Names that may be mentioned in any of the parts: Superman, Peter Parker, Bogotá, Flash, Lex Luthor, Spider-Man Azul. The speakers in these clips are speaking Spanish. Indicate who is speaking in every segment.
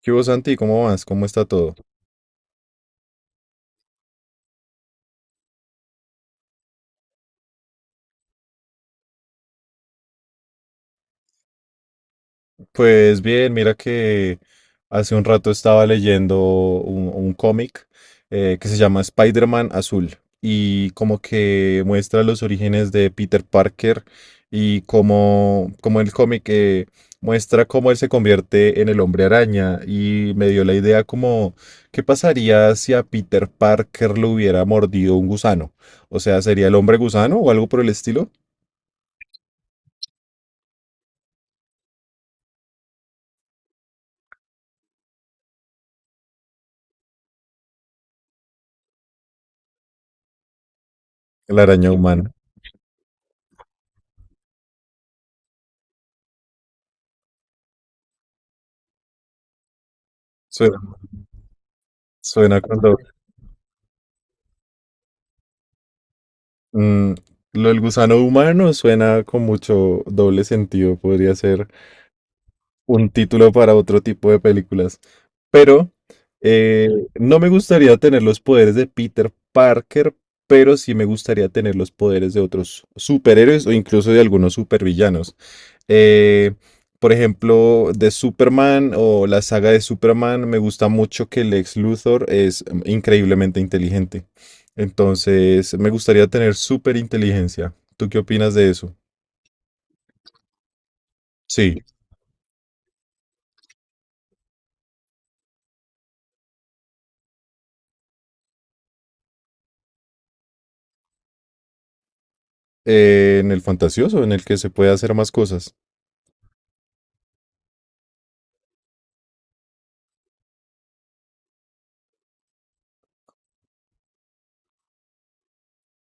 Speaker 1: ¿Qué hubo, Santi? ¿Cómo vas? ¿Cómo está todo? Pues bien, mira que hace un rato estaba leyendo un cómic que se llama Spider-Man Azul y como que muestra los orígenes de Peter Parker y como el cómic muestra cómo él se convierte en el hombre araña y me dio la idea como, ¿qué pasaría si a Peter Parker lo hubiera mordido un gusano? O sea, ¿sería el hombre gusano o algo por el estilo? La araña humana. Suena cuando... mm, lo del gusano humano suena con mucho doble sentido. Podría ser un título para otro tipo de películas. Pero no me gustaría tener los poderes de Peter Parker, pero sí me gustaría tener los poderes de otros superhéroes o incluso de algunos supervillanos. Eh, por ejemplo, de Superman o la saga de Superman, me gusta mucho que Lex Luthor es increíblemente inteligente. Entonces, me gustaría tener súper inteligencia. ¿Tú qué opinas de eso? Sí, en el fantasioso, en el que se puede hacer más cosas.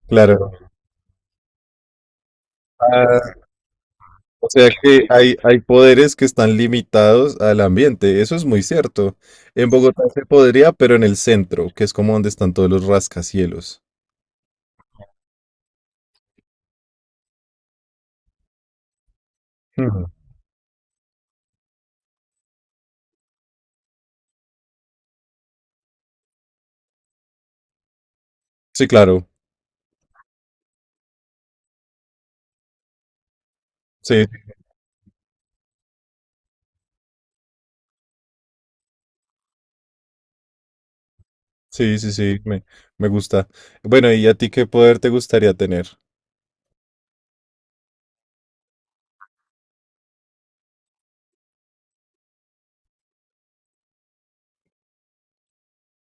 Speaker 1: Claro. Ah, o sea que hay poderes que están limitados al ambiente. Eso es muy cierto. En Bogotá se podría, pero en el centro, que es como donde están todos los rascacielos. Ujú. Sí, claro. Sí. Sí, sí, sí, me gusta. Bueno, ¿y a ti qué poder te gustaría tener?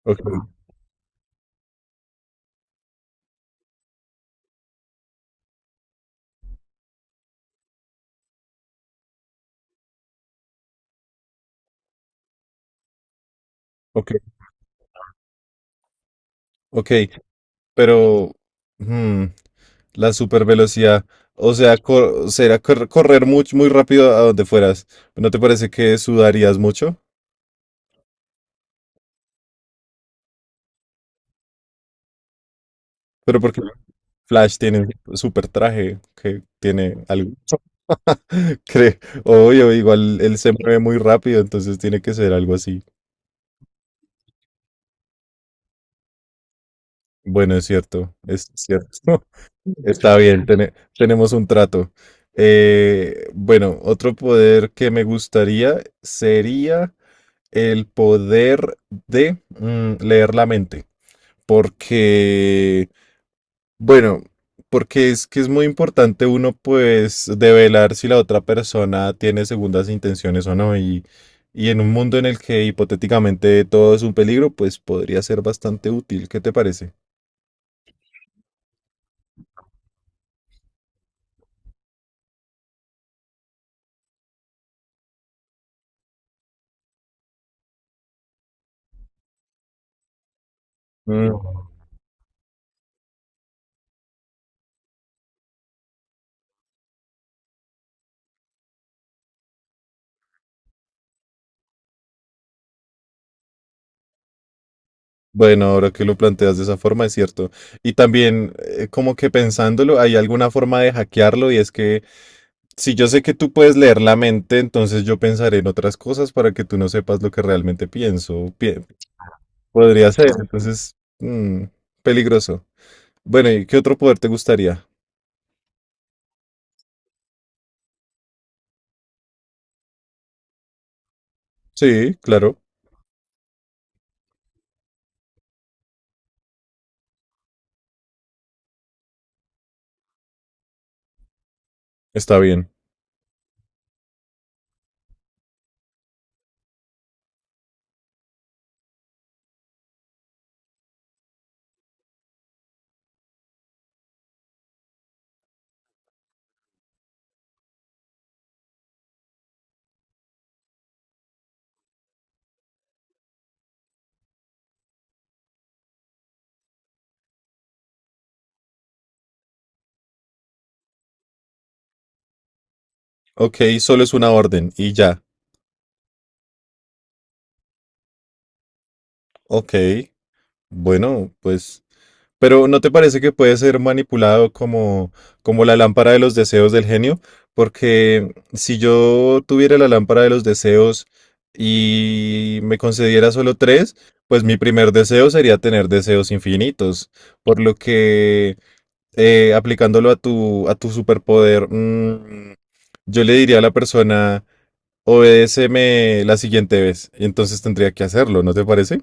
Speaker 1: Ok, ok, ok, pero hmm, la supervelocidad, o sea, correr muy, muy rápido a donde fueras. ¿No te parece que sudarías mucho? Pero porque Flash tiene un super traje que tiene algo, creo, obvio, igual él se mueve muy rápido, entonces tiene que ser algo así. Bueno, es cierto, es cierto. Está bien, tenemos un trato. Bueno, otro poder que me gustaría sería el poder de leer la mente. Porque, bueno, porque es que es muy importante uno pues develar si la otra persona tiene segundas intenciones o no. Y en un mundo en el que hipotéticamente todo es un peligro, pues podría ser bastante útil. ¿Qué te parece? Mm. Bueno, ahora que lo planteas de esa forma, es cierto. Y también, como que pensándolo, hay alguna forma de hackearlo y es que si yo sé que tú puedes leer la mente, entonces yo pensaré en otras cosas para que tú no sepas lo que realmente pienso. Podría ser, entonces, mm, peligroso. Bueno, ¿y qué otro poder te gustaría? Sí, claro, está bien. Ok, solo es una orden y ya. Ok, bueno, pues... Pero ¿no te parece que puede ser manipulado como, como la lámpara de los deseos del genio? Porque si yo tuviera la lámpara de los deseos y me concediera solo tres, pues mi primer deseo sería tener deseos infinitos. Por lo que aplicándolo a a tu superpoder, yo le diría a la persona... obedéceme la siguiente vez. Y entonces tendría que hacerlo, ¿no te parece?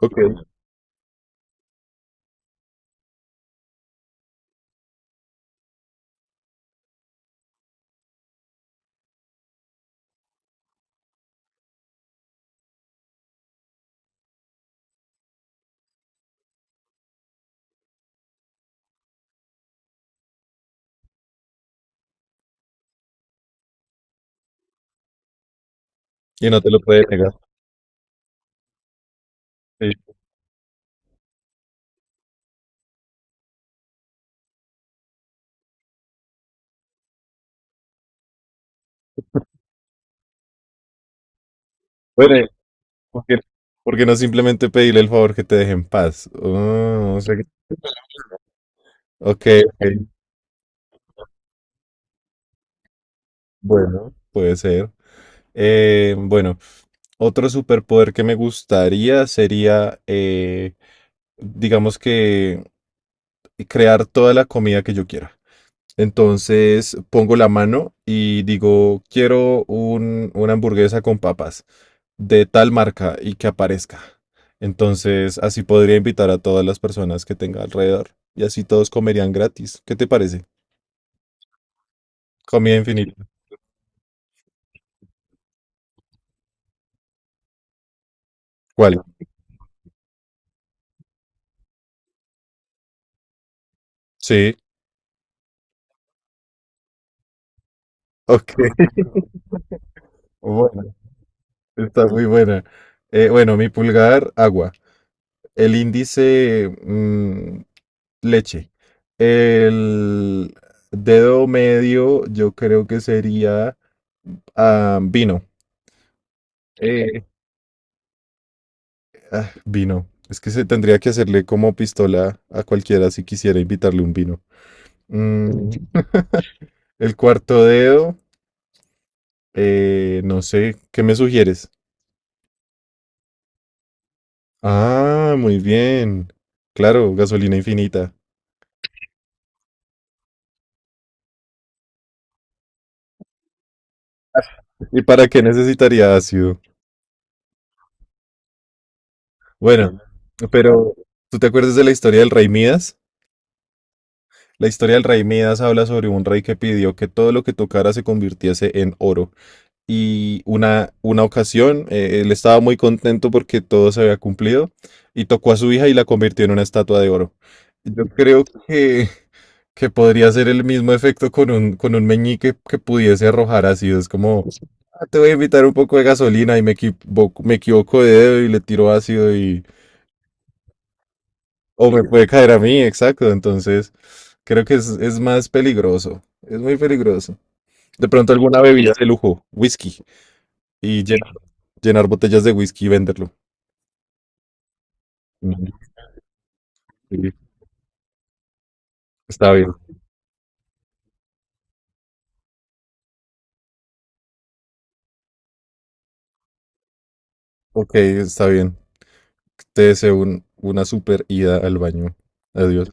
Speaker 1: Ok. Y no te lo puede negar. Sí. Bueno, ¿porque porque no simplemente pedirle el favor que te deje en paz? Ah, o sea que... ok, ok, bueno, puede ser. Bueno, otro superpoder que me gustaría sería, digamos que, crear toda la comida que yo quiera. Entonces pongo la mano y digo, quiero una hamburguesa con papas de tal marca y que aparezca. Entonces, así podría invitar a todas las personas que tenga alrededor y así todos comerían gratis. ¿Qué te parece? Comida infinita. ¿Cuál? Sí. Ok. Bueno, está muy buena. Bueno, mi pulgar, agua. El índice, leche. El dedo medio, yo creo que sería vino. Ah, vino. Es que se tendría que hacerle como pistola a cualquiera si quisiera invitarle un vino. Mm, el cuarto dedo, no sé, ¿qué me sugieres? Ah, muy bien. Claro, gasolina infinita. ¿Y para qué necesitaría ácido? Bueno, pero ¿tú te acuerdas de la historia del rey Midas? La historia del rey Midas habla sobre un rey que pidió que todo lo que tocara se convirtiese en oro. Y una ocasión él estaba muy contento porque todo se había cumplido y tocó a su hija y la convirtió en una estatua de oro. Yo creo que podría ser el mismo efecto con con un meñique que pudiese arrojar ácido. Es como, "Ah, te voy a invitar un poco de gasolina y me equivoco de dedo y le tiro ácido y... O me puede caer a mí, exacto. Entonces, creo que es más peligroso. Es muy peligroso. De pronto alguna bebida de lujo, whisky, y llenar botellas de whisky y venderlo. Mm. Sí. Está bien. Ok, está bien. Te deseo una super ida al baño. Adiós.